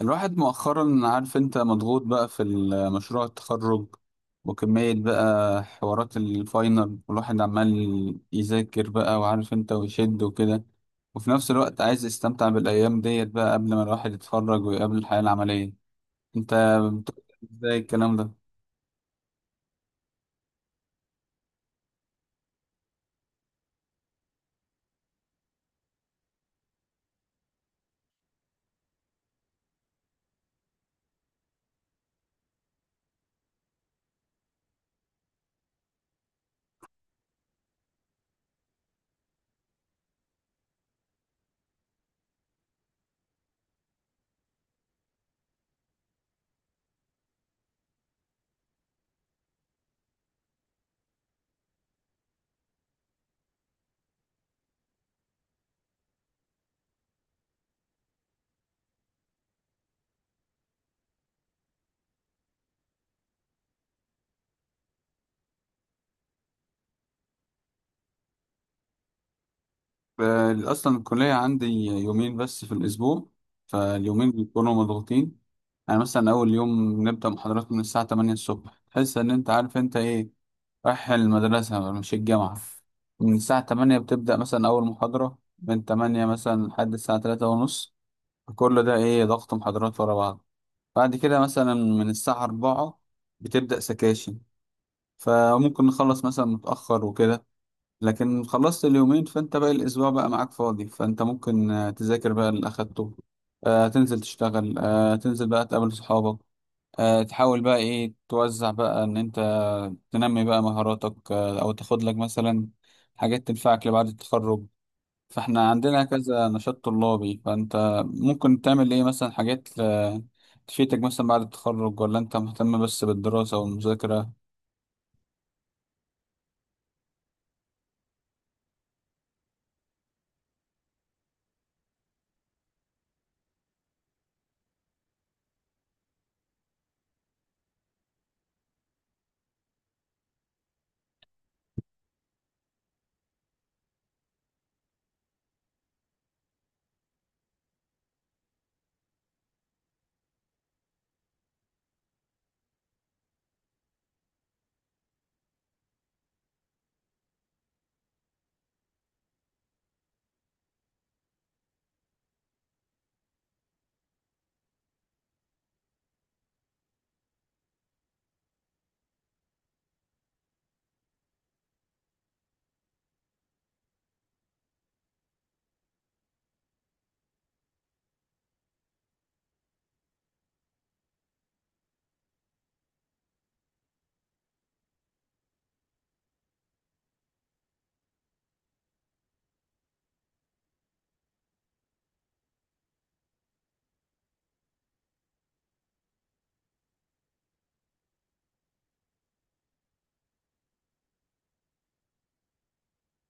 الواحد مؤخرا عارف انت مضغوط بقى في مشروع التخرج، وكمية بقى حوارات الفاينل والواحد عمال يذاكر بقى وعارف انت ويشد وكده، وفي نفس الوقت عايز يستمتع بالأيام ديت بقى قبل ما الواحد يتخرج ويقابل الحياة العملية. انت بتقول ازاي الكلام ده؟ ف- أصلا الكلية عندي يومين بس في الأسبوع، فاليومين بيكونوا مضغوطين. يعني مثلا أول يوم نبدأ محاضرات من الساعة 8 الصبح، تحس إن أنت عارف أنت إيه، رايح المدرسة مش الجامعة. من الساعة 8 بتبدأ مثلا أول محاضرة من 8 مثلا لحد الساعة 3:30، كل ده إيه، ضغط محاضرات ورا بعض. بعد كده مثلا من الساعة 4 بتبدأ سكاشن، فممكن نخلص مثلا متأخر وكده. لكن خلصت اليومين فأنت باقي الأسبوع بقى معاك فاضي، فأنت ممكن تذاكر بقى اللي أخدته، تنزل تشتغل، تنزل بقى تقابل صحابك، تحاول بقى ايه، توزع بقى ان انت تنمي بقى مهاراتك، او تاخد لك مثلا حاجات تنفعك لبعد التخرج. فاحنا عندنا كذا نشاط طلابي، فانت ممكن تعمل ايه مثلا، حاجات تفيدك مثلا بعد التخرج، ولا انت مهتم بس بالدراسة والمذاكرة؟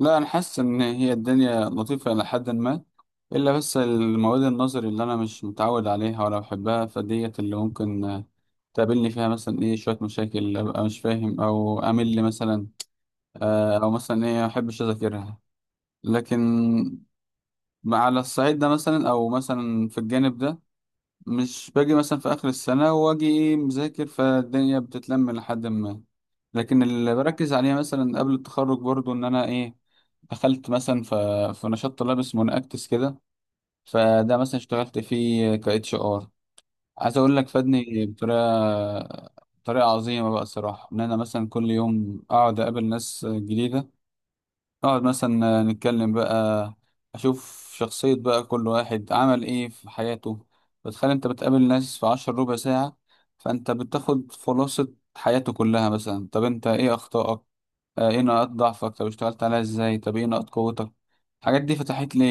لا، انا حاسس ان هي الدنيا لطيفة الى حد ما، الا بس المواد النظري اللي انا مش متعود عليها ولا بحبها، فديت اللي ممكن تقابلني فيها مثلا ايه، شوية مشاكل ابقى مش فاهم او امل مثلا، او مثلا ايه ما احبش اذاكرها. لكن على الصعيد ده مثلا او مثلا في الجانب ده، مش باجي مثلا في اخر السنه واجي ايه مذاكر فالدنيا بتتلم لحد ما. لكن اللي بركز عليها مثلا قبل التخرج برضو ان انا ايه، دخلت مثلا في نشاط طلاب اسمه نأكتس كده، فده مثلا اشتغلت فيه ك HR، عايز اقول لك فادني بطريقه، طريقه عظيمه بقى الصراحه. ان انا مثلا كل يوم اقعد اقابل ناس جديده، نقعد مثلا نتكلم بقى، أشوف شخصية بقى كل واحد عمل إيه في حياته. بتخيل أنت بتقابل ناس في عشر ربع ساعة، فأنت بتاخد خلاصة حياته كلها. مثلا طب أنت إيه أخطائك، إيه نقاط ضعفك، طب اشتغلت عليها إزاي، طب إيه نقاط قوتك. الحاجات دي فتحت لي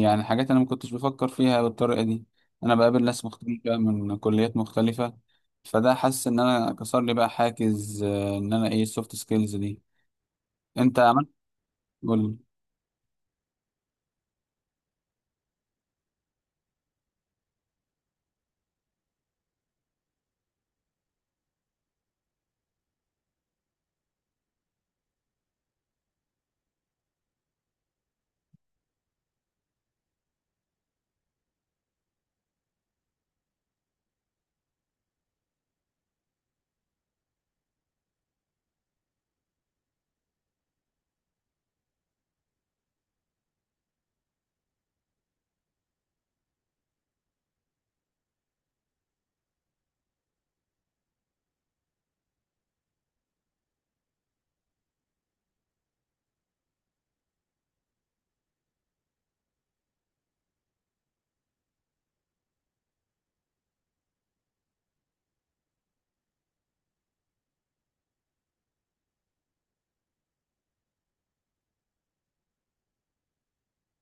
يعني حاجات أنا ما كنتش بفكر فيها بالطريقة دي. أنا بقابل ناس مختلفة من كليات مختلفة، فده حاسس إن أنا كسر لي بقى حاجز إن أنا إيه، السوفت سكيلز دي. أنت عملت إيه؟ قول لي.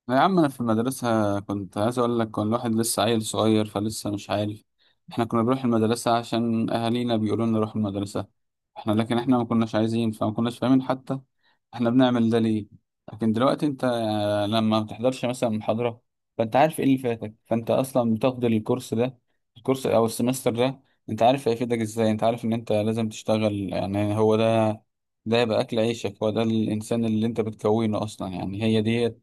يا عم انا في المدرسة كنت عايز اقول لك، كان الواحد لسه عيل صغير فلسه مش عارف. احنا كنا بنروح المدرسة عشان اهالينا بيقولوا لنا نروح المدرسة، احنا لكن احنا ما كناش عايزين، فما كناش فاهمين حتى احنا بنعمل ده ليه. لكن دلوقتي انت لما ما بتحضرش مثلا محاضرة، فانت عارف ايه اللي فاتك، فانت اصلا بتاخد الكورس ده، الكورس او السمستر ده، انت عارف هيفيدك ازاي، انت عارف ان انت لازم تشتغل. يعني هو ده، ده يبقى اكل عيشك، هو ده الانسان اللي انت بتكونه اصلا، يعني هي دي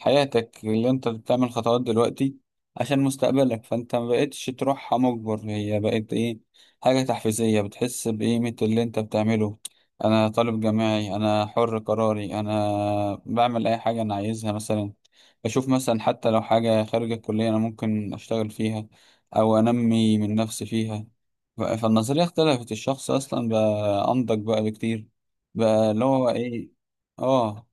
حياتك اللي انت بتعمل خطوات دلوقتي عشان مستقبلك. فانت ما بقتش تروحها مجبر، هي بقت ايه، حاجة تحفيزية بتحس بقيمة اللي انت بتعمله. انا طالب جامعي، انا حر قراري، انا بعمل اي حاجة انا عايزها، مثلا بشوف مثلا حتى لو حاجة خارج الكلية انا ممكن اشتغل فيها او انمي من نفسي فيها. ف- فالنظرية اختلفت، الشخص اصلا بقى انضج بقى بكتير، بقى اللي هو ايه. اه.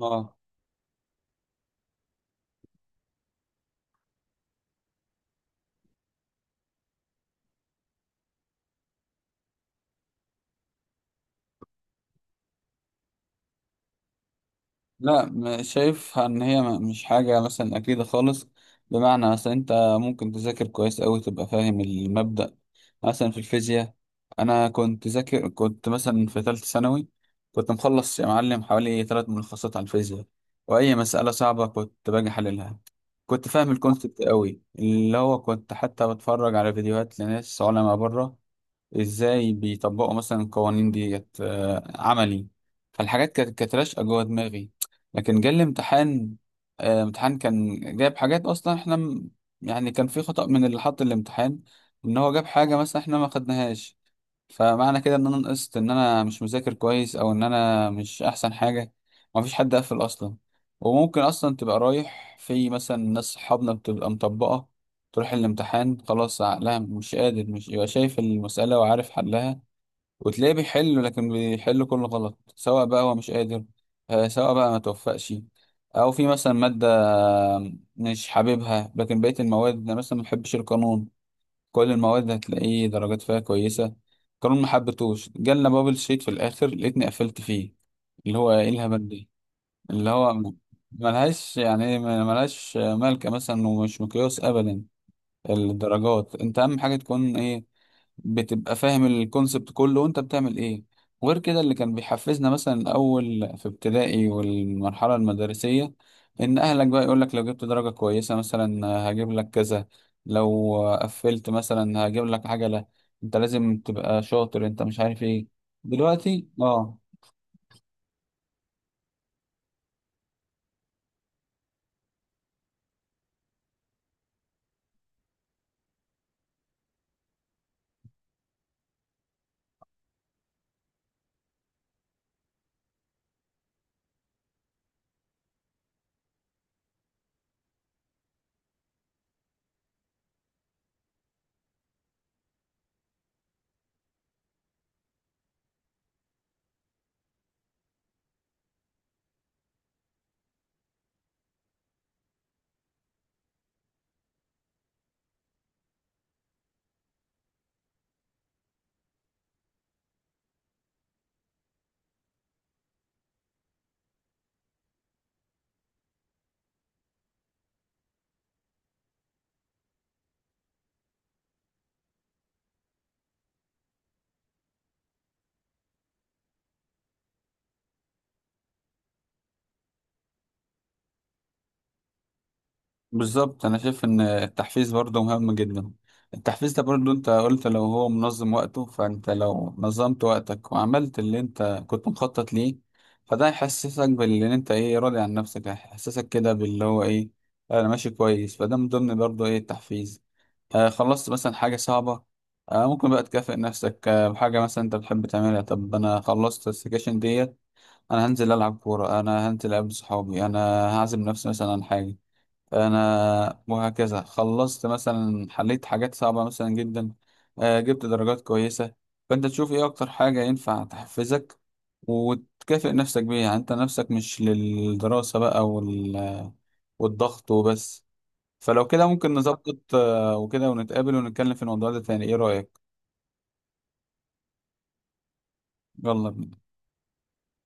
اه، لا شايفها ان هي مش حاجة مثلا اكيدة خالص. بمعنى مثلا انت ممكن تذاكر كويس اوي، تبقى فاهم المبدأ، مثلا في الفيزياء، انا كنت ذاكر، كنت مثلا في ثالثة ثانوي، كنت مخلص يا معلم حوالي 3 ملخصات على الفيزياء، واي مسألة صعبة كنت باجي حللها، كنت فاهم الكونسبت اوي، اللي هو كنت حتى بتفرج على فيديوهات لناس علماء بره، ازاي بيطبقوا مثلا القوانين ديت عملي. فالحاجات كانت راشقه جوه دماغي. لكن جه الامتحان، امتحان كان جايب حاجات اصلا احنا يعني كان في خطأ من اللي حط الامتحان، ان هو جاب حاجة مثلا احنا ما خدناهاش. فمعنى كده ان انا نقصت، ان انا مش مذاكر كويس او ان انا مش احسن حاجه؟ مفيش حد قفل اصلا. وممكن اصلا تبقى رايح في مثلا، ناس صحابنا بتبقى مطبقه، تروح الامتحان خلاص عقلها مش قادر، مش يبقى شايف المساله وعارف حلها، وتلاقيه بيحل لكن بيحل كله غلط، سواء بقى هو مش قادر، سواء بقى ما توفقش. او في مثلا ماده مش حاببها، لكن بقيه المواد، انا مثلا ما بحبش القانون، كل المواد هتلاقيه درجات فيها كويسة، قانون محبتوش جالنا بابل شيت في الآخر لقيتني قفلت فيه، اللي هو ايه، الهبل دي، اللي هو ملهاش يعني ملهاش مالكة مثلا، ومش مقياس أبدا الدرجات. انت أهم حاجة تكون ايه، بتبقى فاهم الكونسبت كله وانت بتعمل ايه. وغير كده، اللي كان بيحفزنا مثلا الاول في ابتدائي والمرحله المدرسيه، ان اهلك بقى يقولك لو جبت درجه كويسه مثلا هجيب لك كذا، لو قفلت مثلا هجيب لك عجله، انت لازم تبقى شاطر، انت مش عارف ايه. دلوقتي اه، بالظبط، انا شايف ان التحفيز برضه مهم جدا. التحفيز ده برضه انت قلت لو هو منظم وقته، فانت لو نظمت وقتك وعملت اللي انت كنت مخطط ليه، فده هيحسسك باللي انت ايه، راضي عن نفسك، هيحسسك كده باللي هو ايه، انا ماشي كويس. فده من ضمن برضه ايه، التحفيز. آه، خلصت مثلا حاجة صعبة، آه ممكن بقى تكافئ نفسك آه بحاجة مثلا انت بتحب تعملها. طب انا خلصت السكاشن ديت، انا هنزل العب كورة، انا هنزل اقابل صحابي، انا هعزم نفسي مثلا عن حاجة، انا وهكذا خلصت مثلا، حليت حاجات صعبة مثلا جدا، جبت درجات كويسة. فانت تشوف ايه اكتر حاجة ينفع تحفزك وتكافئ نفسك بيها، يعني انت نفسك مش للدراسة بقى والضغط وبس. فلو كده ممكن نظبط وكده ونتقابل ونتكلم في الموضوع ده تاني، ايه رأيك؟ يلا بينا.